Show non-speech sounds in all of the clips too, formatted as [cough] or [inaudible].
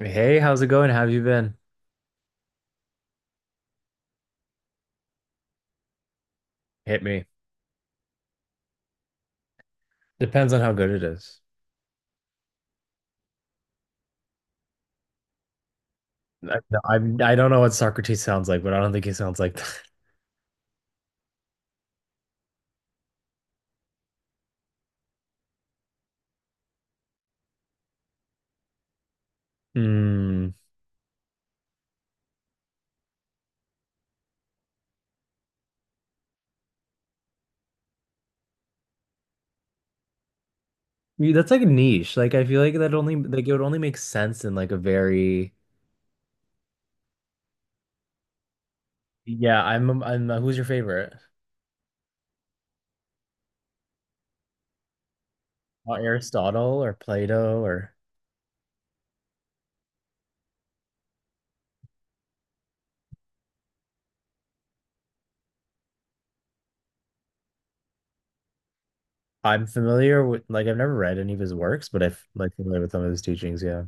Hey, how's it going? How have you been? Hit me. Depends on how good it is. I, I'm, I don't know what Socrates sounds like, but I don't think he sounds like that. [laughs] Hmm. Yeah, that's like a niche. Like I feel like that only like it would only make sense in like a very yeah. I'm who's your favorite? Aristotle or Plato or I'm familiar with like I've never read any of his works, but I've like familiar with some of his teachings. Yeah.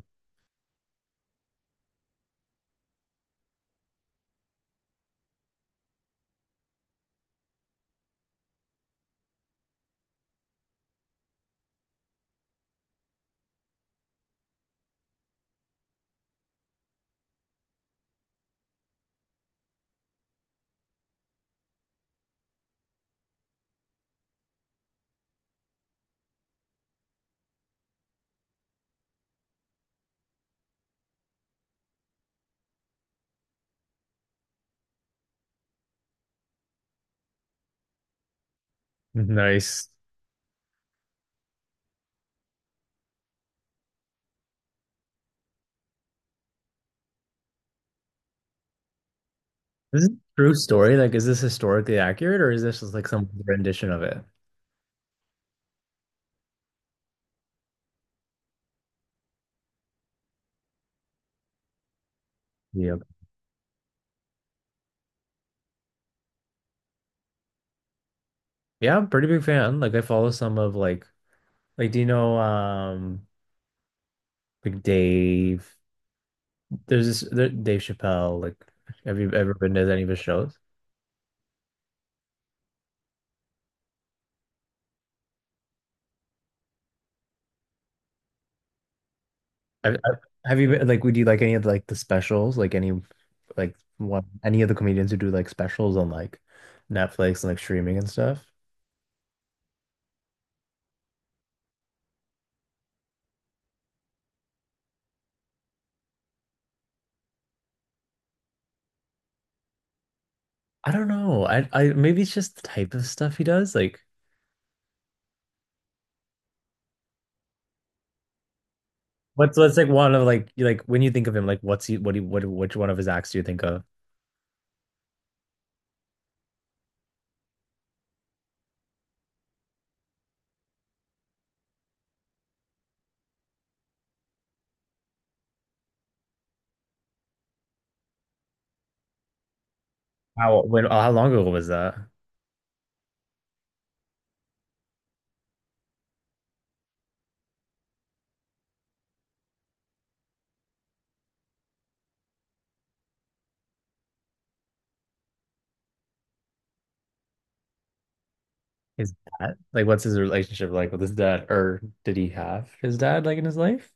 Nice. This is a true story. Like, is this historically accurate or is this just like some rendition of it? Yeah. Yeah, I'm pretty big fan. Like I follow some of like do you know like Dave there's this Dave Chappelle like have you ever been to any of his shows? Have have you been like would you like any of like the specials like any like one any of the comedians who do like specials on like Netflix and like streaming and stuff? I don't know. I maybe it's just the type of stuff he does. Like what's like one of like you- like when you think of him like what's he what which one of his acts do you think of? How when how long ago was that? His dad? Like, what's his relationship like with his dad? Or did he have his dad like in his life?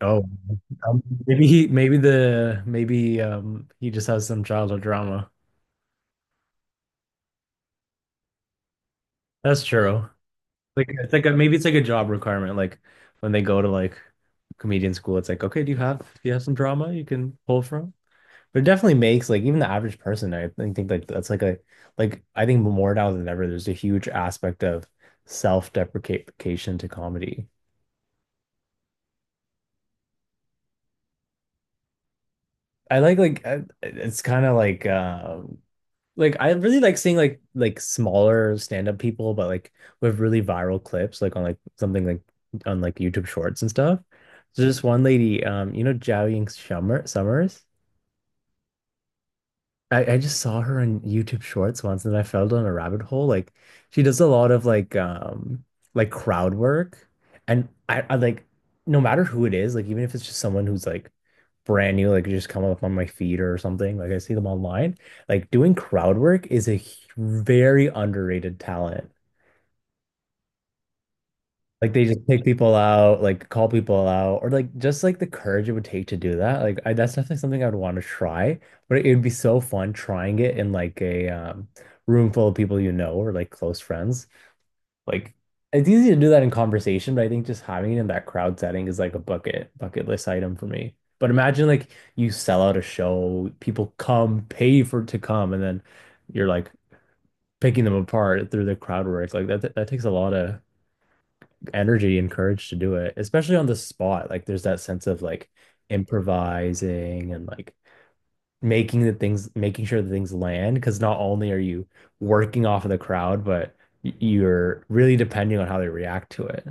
Oh, maybe he, maybe the, maybe he just has some childhood drama. That's true. Like, it's like a, maybe it's like a job requirement. Like, when they go to like comedian school, it's like, okay, do you have some drama you can pull from? But it definitely makes like even the average person, I think like that's like a, like I think more now than ever, there's a huge aspect of self-deprecation to comedy. I like it's kind of like I really like seeing like smaller stand-up people but like with really viral clips like on like something like on like YouTube Shorts and stuff. There's this one lady you know Zhao Ying Summers. I just saw her on YouTube Shorts once and I fell down a rabbit hole. Like she does a lot of like crowd work and I like no matter who it is like even if it's just someone who's like brand new, like just come up on my feed or something. Like I see them online. Like doing crowd work is very underrated talent. Like they just pick people out, like call people out, or like just like the courage it would take to do that. That's definitely something I would want to try, but it would be so fun trying it in like a room full of people you know or like close friends. Like it's easy to do that in conversation, but I think just having it in that crowd setting is like a bucket list item for me. But imagine like you sell out a show, people come, pay for to come, and then you're like picking them apart through the crowd work. Like that takes a lot of energy and courage to do it, especially on the spot. Like there's that sense of like improvising and like making the things, making sure the things land. Because not only are you working off of the crowd, but you're really depending on how they react to it.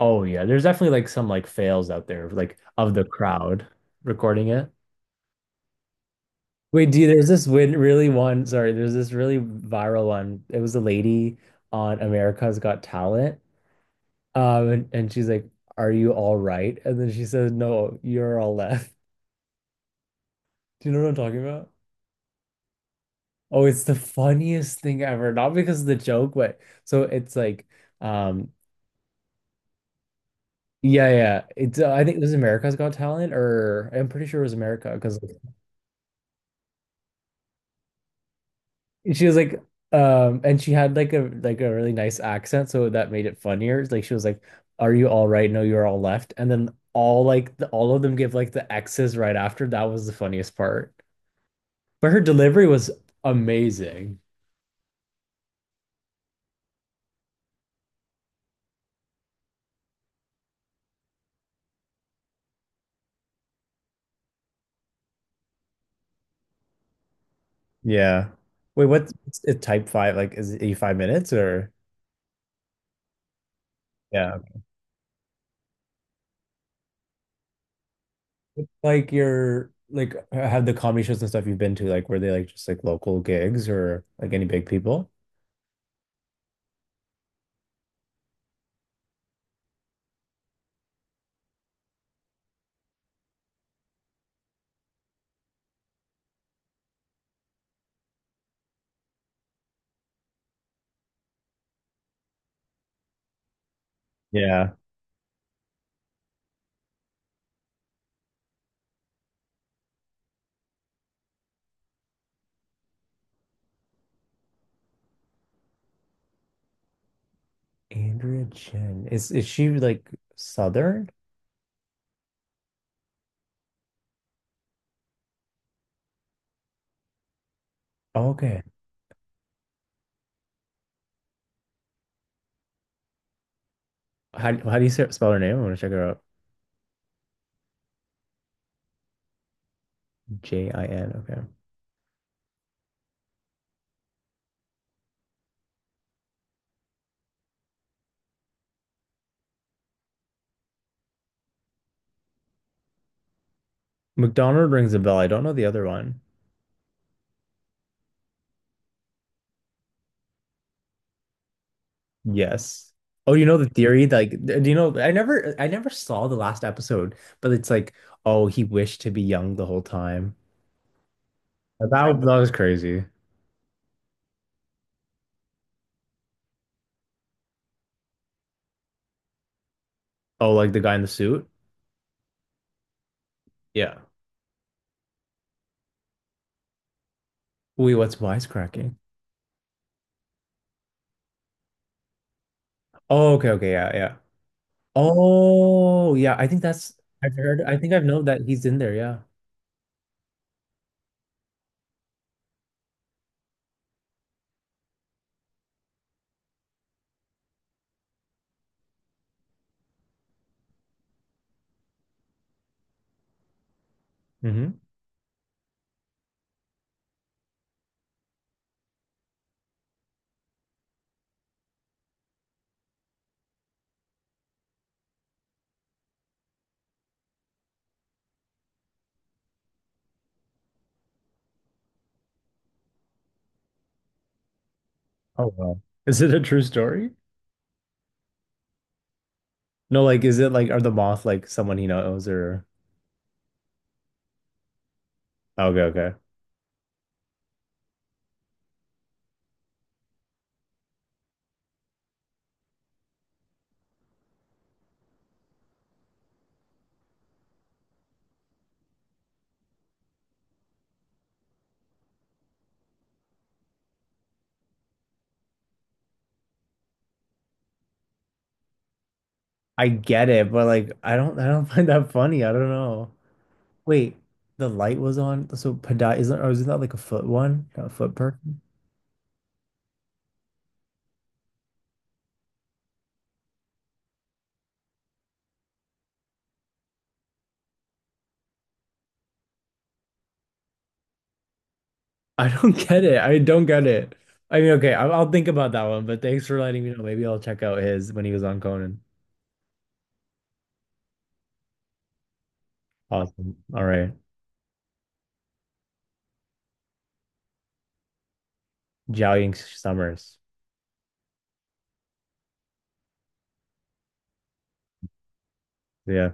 Oh yeah, there's definitely like some like fails out there, like of the crowd recording it. Wait, there's this really viral one. It was a lady on America's Got Talent. And she's like, are you all right? And then she says, no, you're all left. [laughs] Do you know what I'm talking about? Oh, it's the funniest thing ever. Not because of the joke, but so it's like, um, yeah, yeah. It's I think it was America's Got Talent, or I'm pretty sure it was America because she was like and she had like a really nice accent so that made it funnier like she was like are you all right no you're all left and then all like all of them give like the X's right after that was the funniest part but her delivery was amazing. Yeah. Wait, what's it type five like is it 5 minutes or yeah. What's, like your like have the comedy shows and stuff you've been to like were they like just like local gigs or like any big people yeah. Andrea Jen. Is she like Southern? Oh, okay. How do you say- spell her name? I want to check her out. Jin. Okay. McDonald rings a bell. I don't know the other one. Yes. Oh, you know the theory? Like, do you know? I never saw the last episode, but it's like, oh, he wished to be young the whole time. That was crazy. Oh, like the guy in the suit? Yeah. Wait, what's wisecracking? Oh, okay, okay, yeah, yeah. Oh, yeah. I think that's I've heard. I think I've known that he's in there. Yeah. Hmm. Oh wow. Is it a true story? No, like is it like are the moth like someone he knows or okay, okay. I get it, but like I don't [laughs] find that funny. I don't know. Wait, the light was on, so Padai isn't or isn't that like a foot one? A foot person? [laughs] I don't get it. I mean, okay, I'll think about that one, but thanks for letting me know. Maybe I'll check out his when he was on Conan. Awesome. All right. Jiao Ying Summers. Yeah.